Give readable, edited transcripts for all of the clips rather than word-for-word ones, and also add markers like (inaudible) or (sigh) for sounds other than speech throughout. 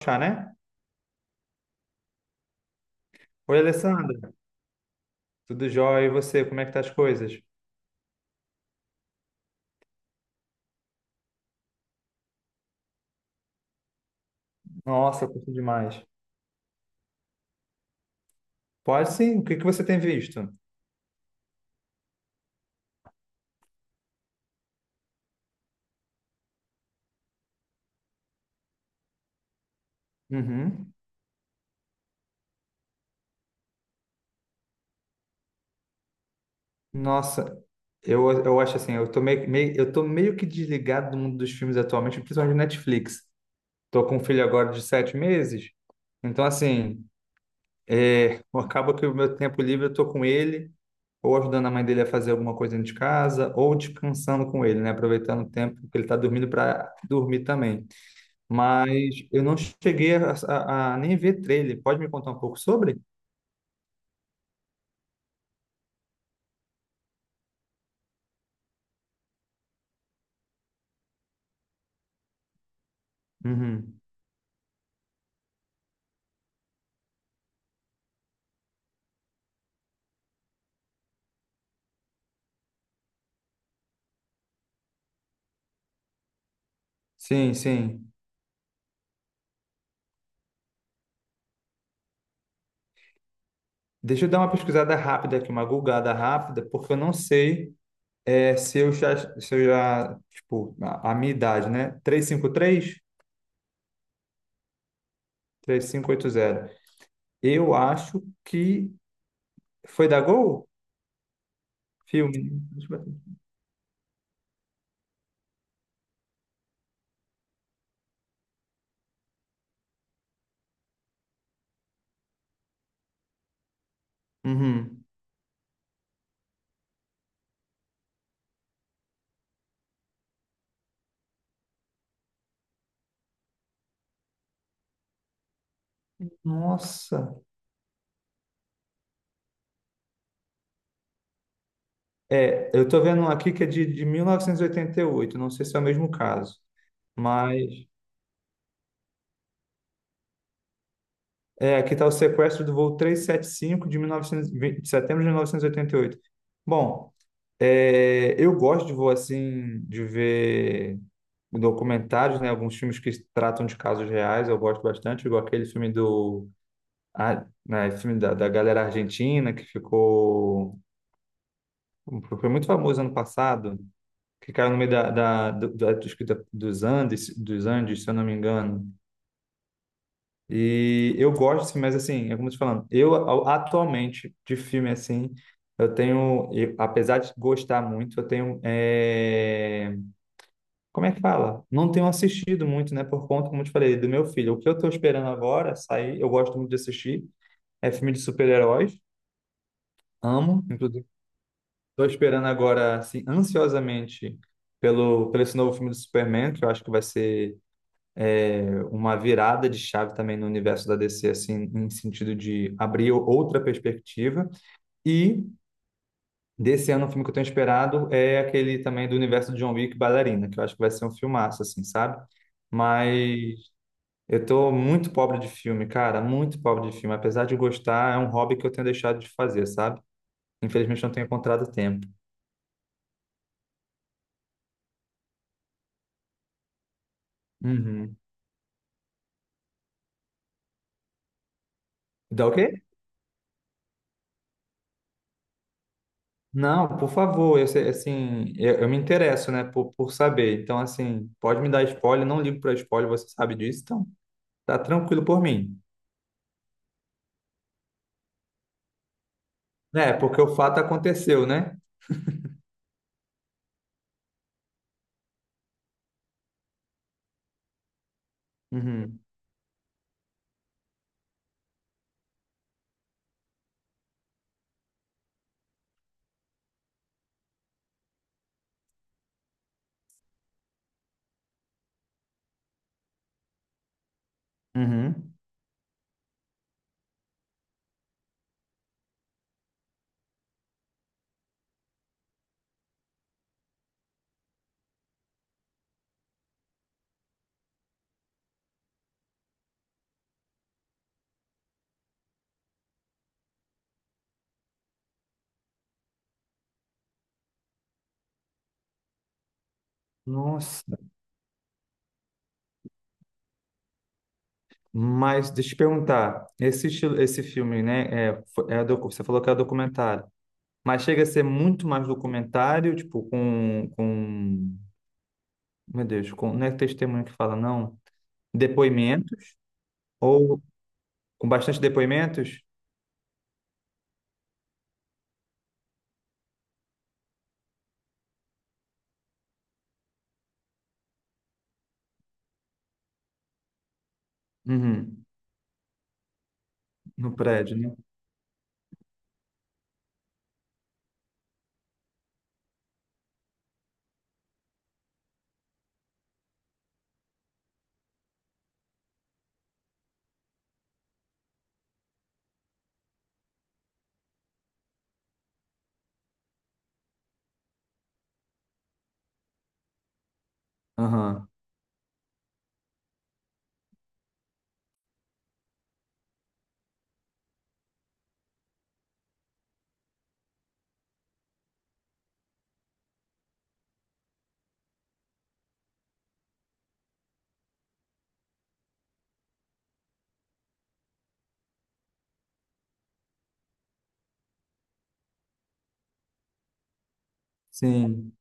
Achar, né? Oi, Alessandra. Tudo jóia? E você? Como é que tá as coisas? Nossa, curto demais. Pode sim. O que que você tem visto? Uhum. Nossa, eu acho assim, eu tô meio que desligado do mundo dos filmes atualmente, principalmente do Netflix. Tô com um filho agora de 7 meses, então assim, (laughs) acaba que o meu tempo livre eu tô com ele, ou ajudando a mãe dele a fazer alguma coisa dentro de casa, ou descansando com ele, né? Aproveitando o tempo que ele tá dormindo para dormir também. Mas eu não cheguei a nem ver trailer. Pode me contar um pouco sobre? Uhum. Sim, sim. Deixa eu dar uma pesquisada rápida aqui, uma googada rápida, porque eu não sei se eu já, tipo, a minha idade, né? 353? 3580. Eu acho que foi da Gol? Filme. Uhum. Nossa. É, eu tô vendo um aqui que é de 1988. Não sei se é o mesmo caso. Mas... É, aqui está o sequestro do voo 375 de 1920, de setembro de 1988. Bom, é, eu gosto de voo assim, de ver documentários, né? Alguns filmes que tratam de casos reais, eu gosto bastante, igual aquele filme do ah, né, filme da galera argentina que ficou foi muito famoso ano passado, que caiu no meio da, da, do- da- dos Andes, se eu não me engano. E eu gosto, assim, mas assim, é como eu tô falando, atualmente de filme assim, apesar de gostar muito, eu tenho, é, como é que fala? Não tenho assistido muito, né, por conta, como eu te falei, do meu filho. O que eu tô esperando agora sair, eu gosto muito de assistir, é filme de super-heróis, amo, inclusive. Tô esperando agora, assim, ansiosamente pelo esse novo filme do Superman, que eu acho que vai ser uma virada de chave também no universo da DC, assim, em sentido de abrir outra perspectiva. E desse ano, um filme que eu tenho esperado é aquele também do universo de John Wick, Bailarina, que eu acho que vai ser um filmaço, assim, sabe? Mas eu tô muito pobre de filme, cara, muito pobre de filme. Apesar de gostar, é um hobby que eu tenho deixado de fazer, sabe? Infelizmente não tenho encontrado tempo. Uhum. Dá o quê? Não, por favor, eu, sei- assim, eu me interesso, né, por saber. Então, assim, pode me dar spoiler, não ligo para spoiler, você sabe disso, então tá tranquilo por mim. É, porque o fato aconteceu, né? Uhum, uhum. Nossa, mas deixa eu te perguntar, esse estilo, esse filme, né, você falou que é documentário, mas chega a ser muito mais documentário, tipo, meu Deus, com, não é testemunho que fala, não, depoimentos, ou com bastante depoimentos? Uhum. No prédio, né? Aham, sim.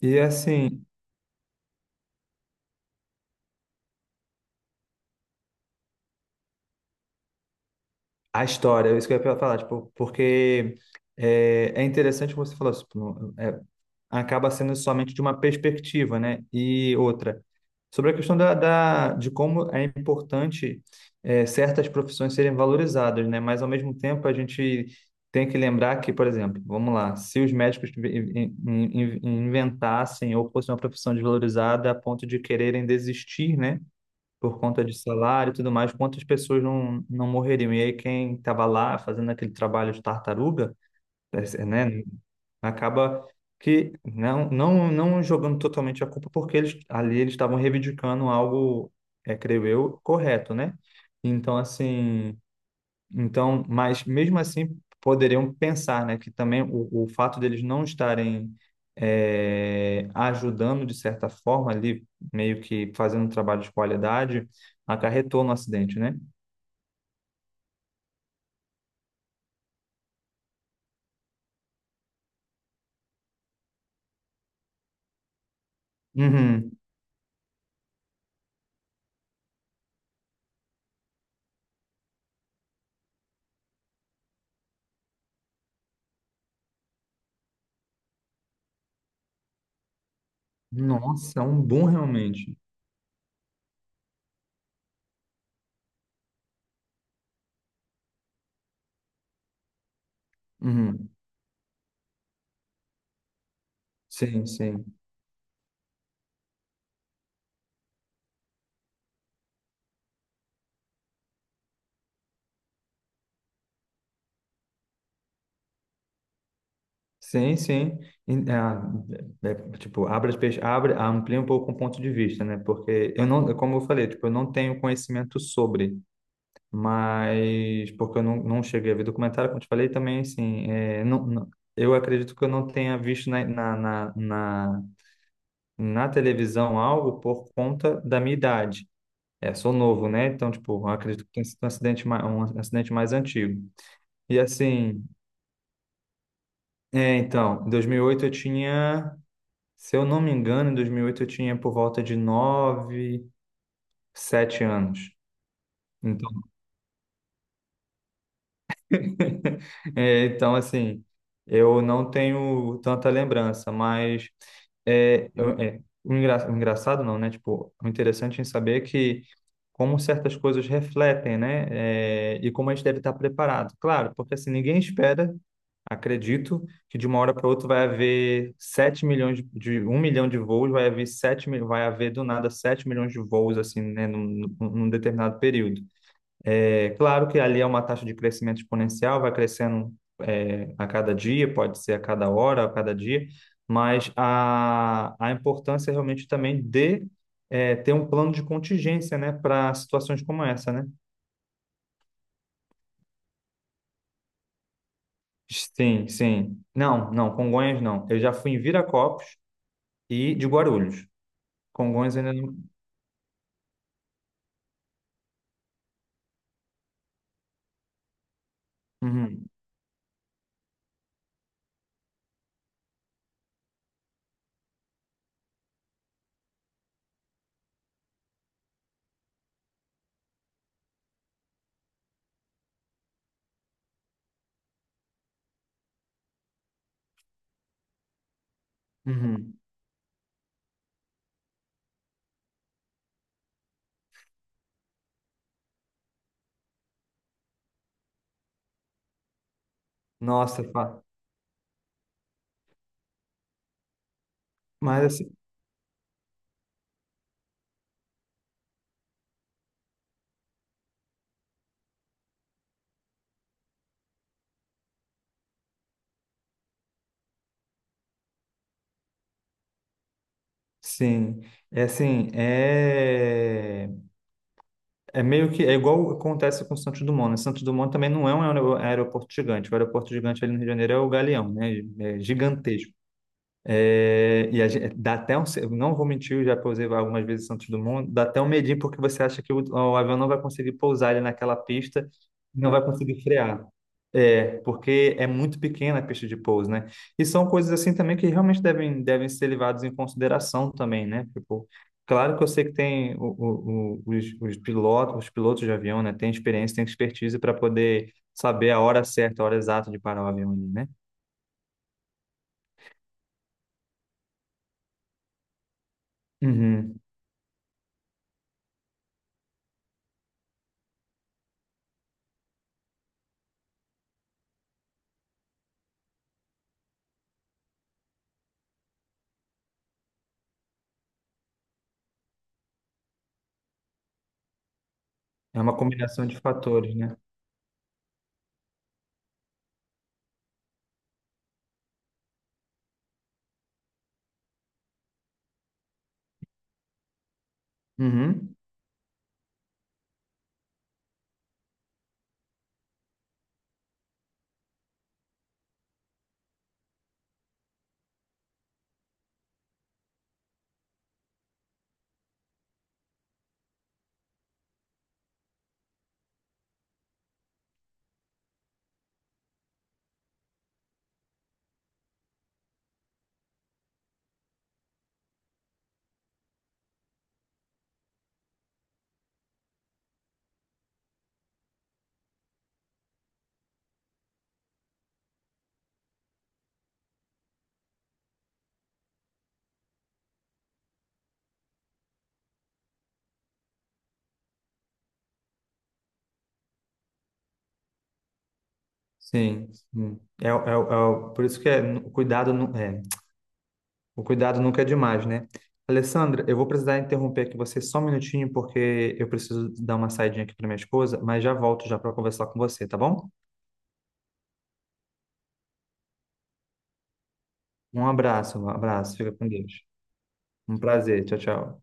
E assim, a história, é isso que eu ia falar, tipo, porque é, é interessante como você falou, tipo, é, acaba sendo somente de uma perspectiva, né? E outra, sobre a questão de como é importante é, certas profissões serem valorizadas, né? Mas ao mesmo tempo a gente tem que lembrar que, por exemplo, vamos lá, se os médicos inventassem ou fosse uma profissão desvalorizada a ponto de quererem desistir, né? Por conta de salário e tudo mais, quantas pessoas não morreriam? E aí quem estava lá fazendo aquele trabalho de tartaruga, né, acaba que não jogando totalmente a culpa, porque eles ali eles estavam reivindicando algo, é, creio eu, correto, né? Então, assim, então, mas mesmo assim poderiam pensar, né, que também o fato deles não estarem ajudando de certa forma ali, meio que fazendo um trabalho de qualidade, acarretou no acidente, né? Uhum. Nossa, um bom realmente. Uhum. Sim, sim. Sim, sim. E, ah, é, é, tipo, abre, amplia um pouco o ponto de vista, né? Porque eu não, como eu falei, tipo, eu não tenho conhecimento sobre. Mas porque eu não cheguei a ver documentário, como eu te falei, também assim, é, eu acredito que eu não tenha visto na televisão algo por conta da minha idade. É, sou novo, né? Então, tipo, eu acredito que tenha sido um acidente mais antigo. E assim, é, então, em 2008 eu tinha, se eu não me engano, em 2008 eu tinha por volta de 9 7 anos. Então, (laughs) é, então, assim, eu não tenho tanta lembrança, mas é, o engraçado não, né? Tipo, o interessante em saber que como certas coisas refletem, né? É, e como a gente deve estar preparado. Claro, porque assim, ninguém espera, acredito, que de uma hora para outra vai haver 7 milhões de 1 milhão de voos, vai haver do nada 7 milhões de voos, assim, né? Num determinado período. É claro que ali é uma taxa de crescimento exponencial, vai crescendo é, a cada dia, pode ser a cada hora, a cada dia, mas a importância realmente também de é, ter um plano de contingência, né, para situações como essa, né? Sim, sim. Não, não, Congonhas não. Eu já fui em Viracopos e de Guarulhos. Congonhas ainda não. Uhum, uhum. Nossa, fa- mas assim, sim, é assim, é É meio que é igual acontece com Santos Dumont, né? Santos Dumont também não é um aeroporto gigante. O aeroporto gigante ali no Rio de Janeiro é o Galeão, né? É gigantesco. É, e a gente, dá até um, eu não vou mentir, eu já pousei algumas vezes em Santos Dumont, dá até um medinho porque você acha que o avião não vai conseguir pousar ali naquela pista, não vai conseguir frear. É, porque é muito pequena a pista de pouso, né? E são coisas assim também que realmente devem ser levadas em consideração também, né? Tipo, claro que eu sei que tem os pilotos de avião, né? Tem experiência, tem expertise para poder saber a hora certa, a hora exata de parar o avião ali, né? Uhum. É uma combinação de fatores, né? Uhum. Sim, sim. Por isso que é, o cuidado nunca é demais, né? Alessandra, eu vou precisar interromper aqui você só um minutinho, porque eu preciso dar uma saidinha aqui para minha esposa, mas já volto já para conversar com você, tá bom? Um abraço, fica com Deus. Um prazer, tchau, tchau.